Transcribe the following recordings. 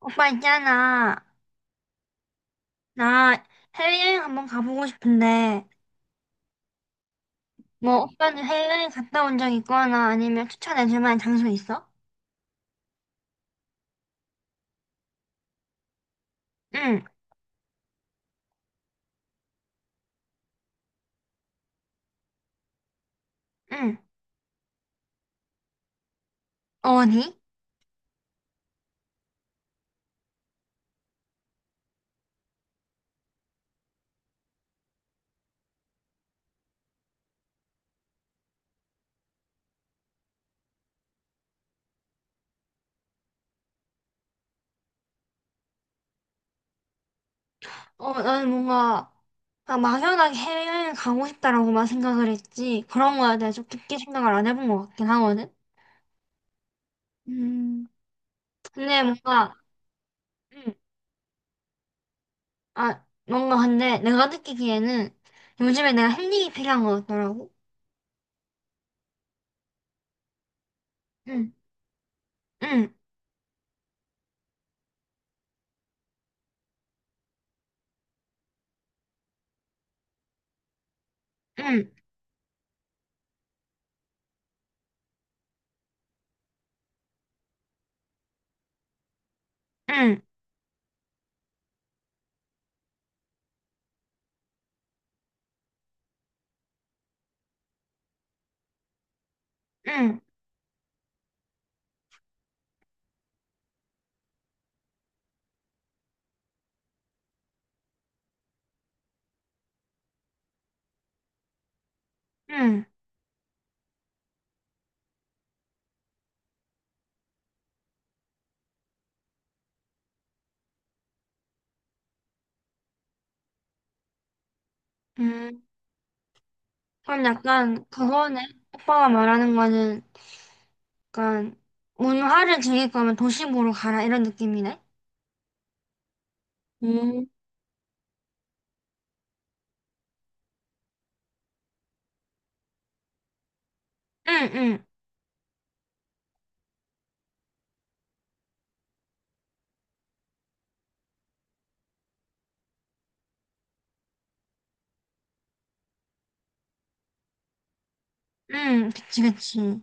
오빠 있잖아. 나 해외여행 한번 가보고 싶은데, 오빠는 해외여행 갔다 온 적 있거나 아니면 추천해줄 만한 장소 있어? 응, 응. 어디? 나는 뭔가 막 막연하게 해외여행 가고 싶다라고만 생각을 했지. 그런 거에 대해서 깊게 생각을 안 해본 것 같긴 하거든. 음, 근데 뭔가, 응, 아, 뭔가 근데 내가 느끼기에는 요즘에 내가 힐링이 필요한 것 같더라고. 응, 응, 응, 응, 응, 응. 음, 그럼 약간 그거네. 오빠가 말하는 거는 약간 문화를 즐길 거면 도시부로 가라 이런 느낌이네. 음, 응, 응, 응, 그치, 그치.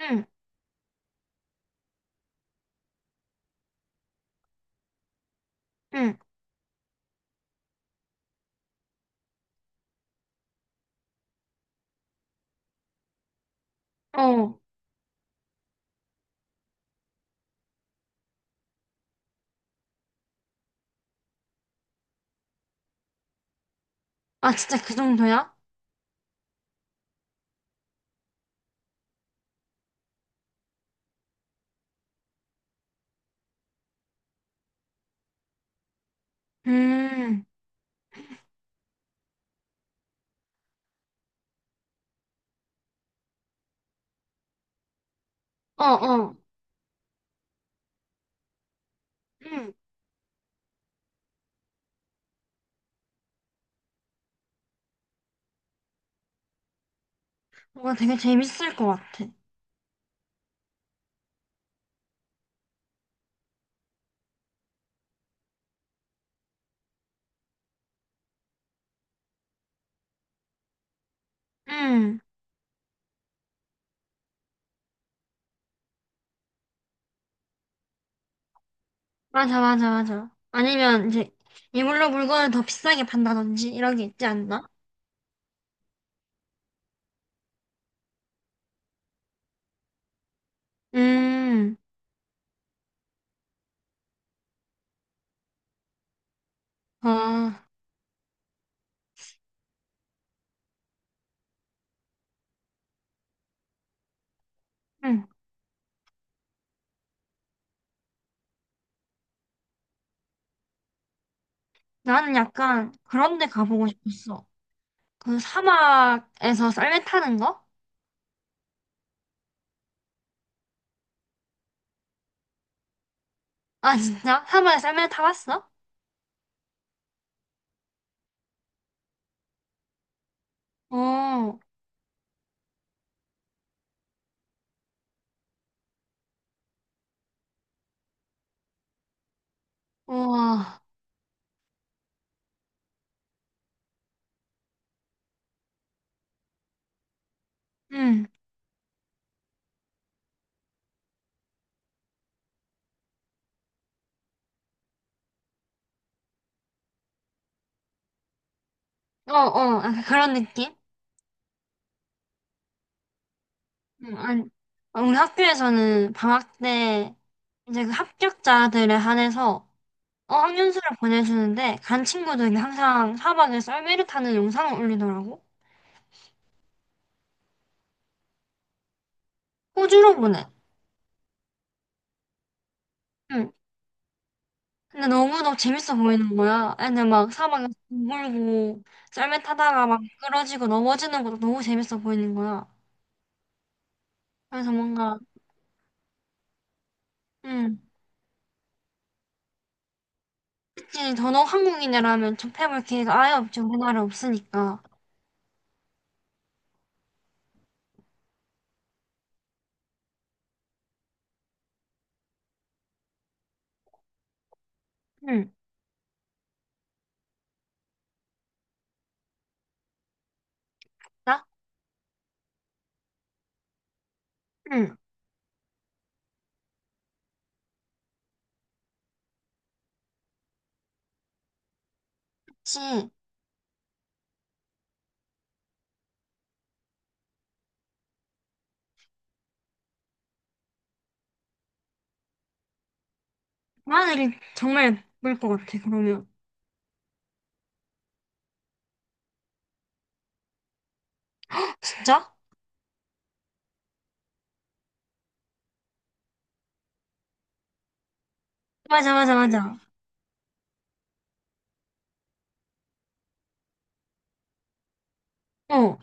응, 응, 어. 아, 진짜 그 정도야? 음, 어, 어. 응, 뭔가 되게 재밌을 것 같아. 응, 맞아, 맞아, 맞아. 아니면 이제 이걸로 물건을 더 비싸게 판다든지 이런 게 있지 않나? 음, 아, 응. 나는 약간 그런 데 가보고 싶었어. 그 사막에서 썰매 타는 거? 아, 진짜? 사막에 썰매 타봤어? 어, 우와. 응. 어, 어. 약간 그런 느낌? 응, 아니, 우리 학교에서는 방학 때 이제 그 합격자들에 한해서 어학연수를 보내주는데 간 친구들이 항상 사막에 썰매를 타는 영상을 올리더라고. 호주로 보내. 응. 근데 너무너무 재밌어 보이는 거야. 애들 막 사막에서 물고 썰매 타다가 막 미끄러지고 넘어지는 것도 너무 재밌어 보이는 거야. 그래서 뭔가, 음, 이 전업 한국인이라면 접해볼 기회가 아예 없죠. 우리나라에 없으니까. 응 나? 응 그치. 엄마들이 정말 예쁠 것 같아, 그러면. 진짜? 맞아, 맞아, 맞아. 어,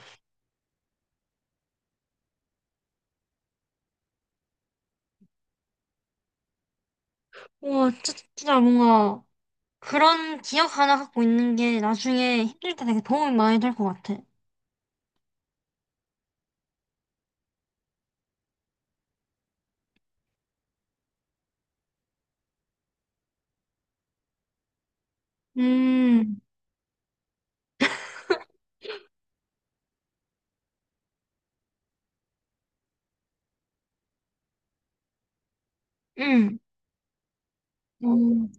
와, 진짜 뭔가 그런 기억 하나 갖고 있는 게 나중에 힘들 때 되게 도움이 많이 될 것 같아. 음, 음, 음,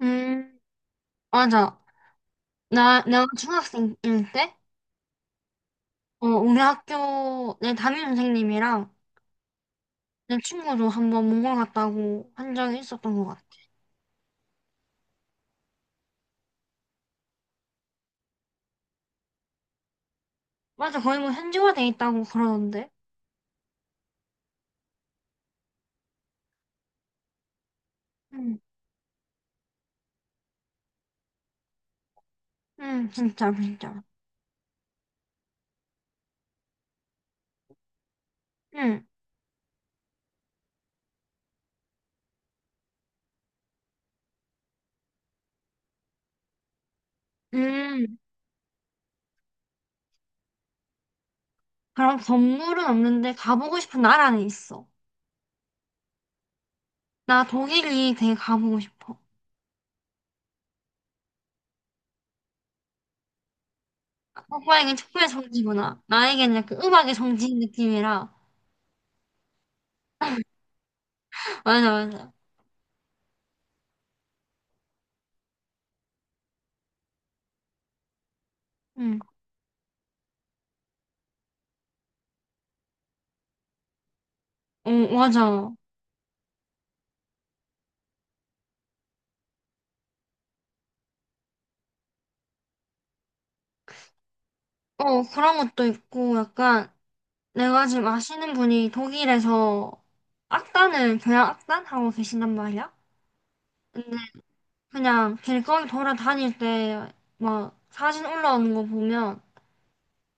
음, 맞아. 내가 중학생일 때, 어, 우리 학교 내 담임 선생님이랑 내 친구도 한번 몽골 갔다고 한 적이 있었던 것 같아. 맞아, 거의 뭐 현지화돼 있다고 그러던데. 응, 응, 진짜, 진짜. 응, 음. 그럼 건물은 없는데 가보고 싶은 나라는 있어. 나 독일이 되게 가보고 싶어. 오빠에겐 축구의 성지구나. 나에겐 약간 음악의 성지인 느낌이라. 맞아, 맞아. 응, 어, 맞아. 어, 그런 것도 있고, 약간 내가 지금 아시는 분이 독일에서 악단을, 교향 악단 하고 계신단 말이야. 그냥 길거리 돌아다닐 때 막 사진 올라오는 거 보면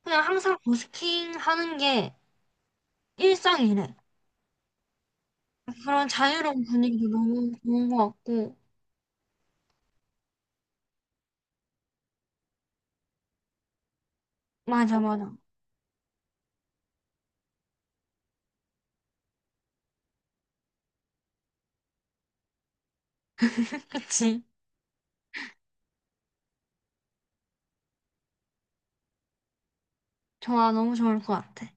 그냥 항상 버스킹 하는 게 일상이래. 그런 자유로운 분위기도 너무 좋은 것 같고. 맞아, 맞아. 그치? 좋아, 너무 좋을 것 같아.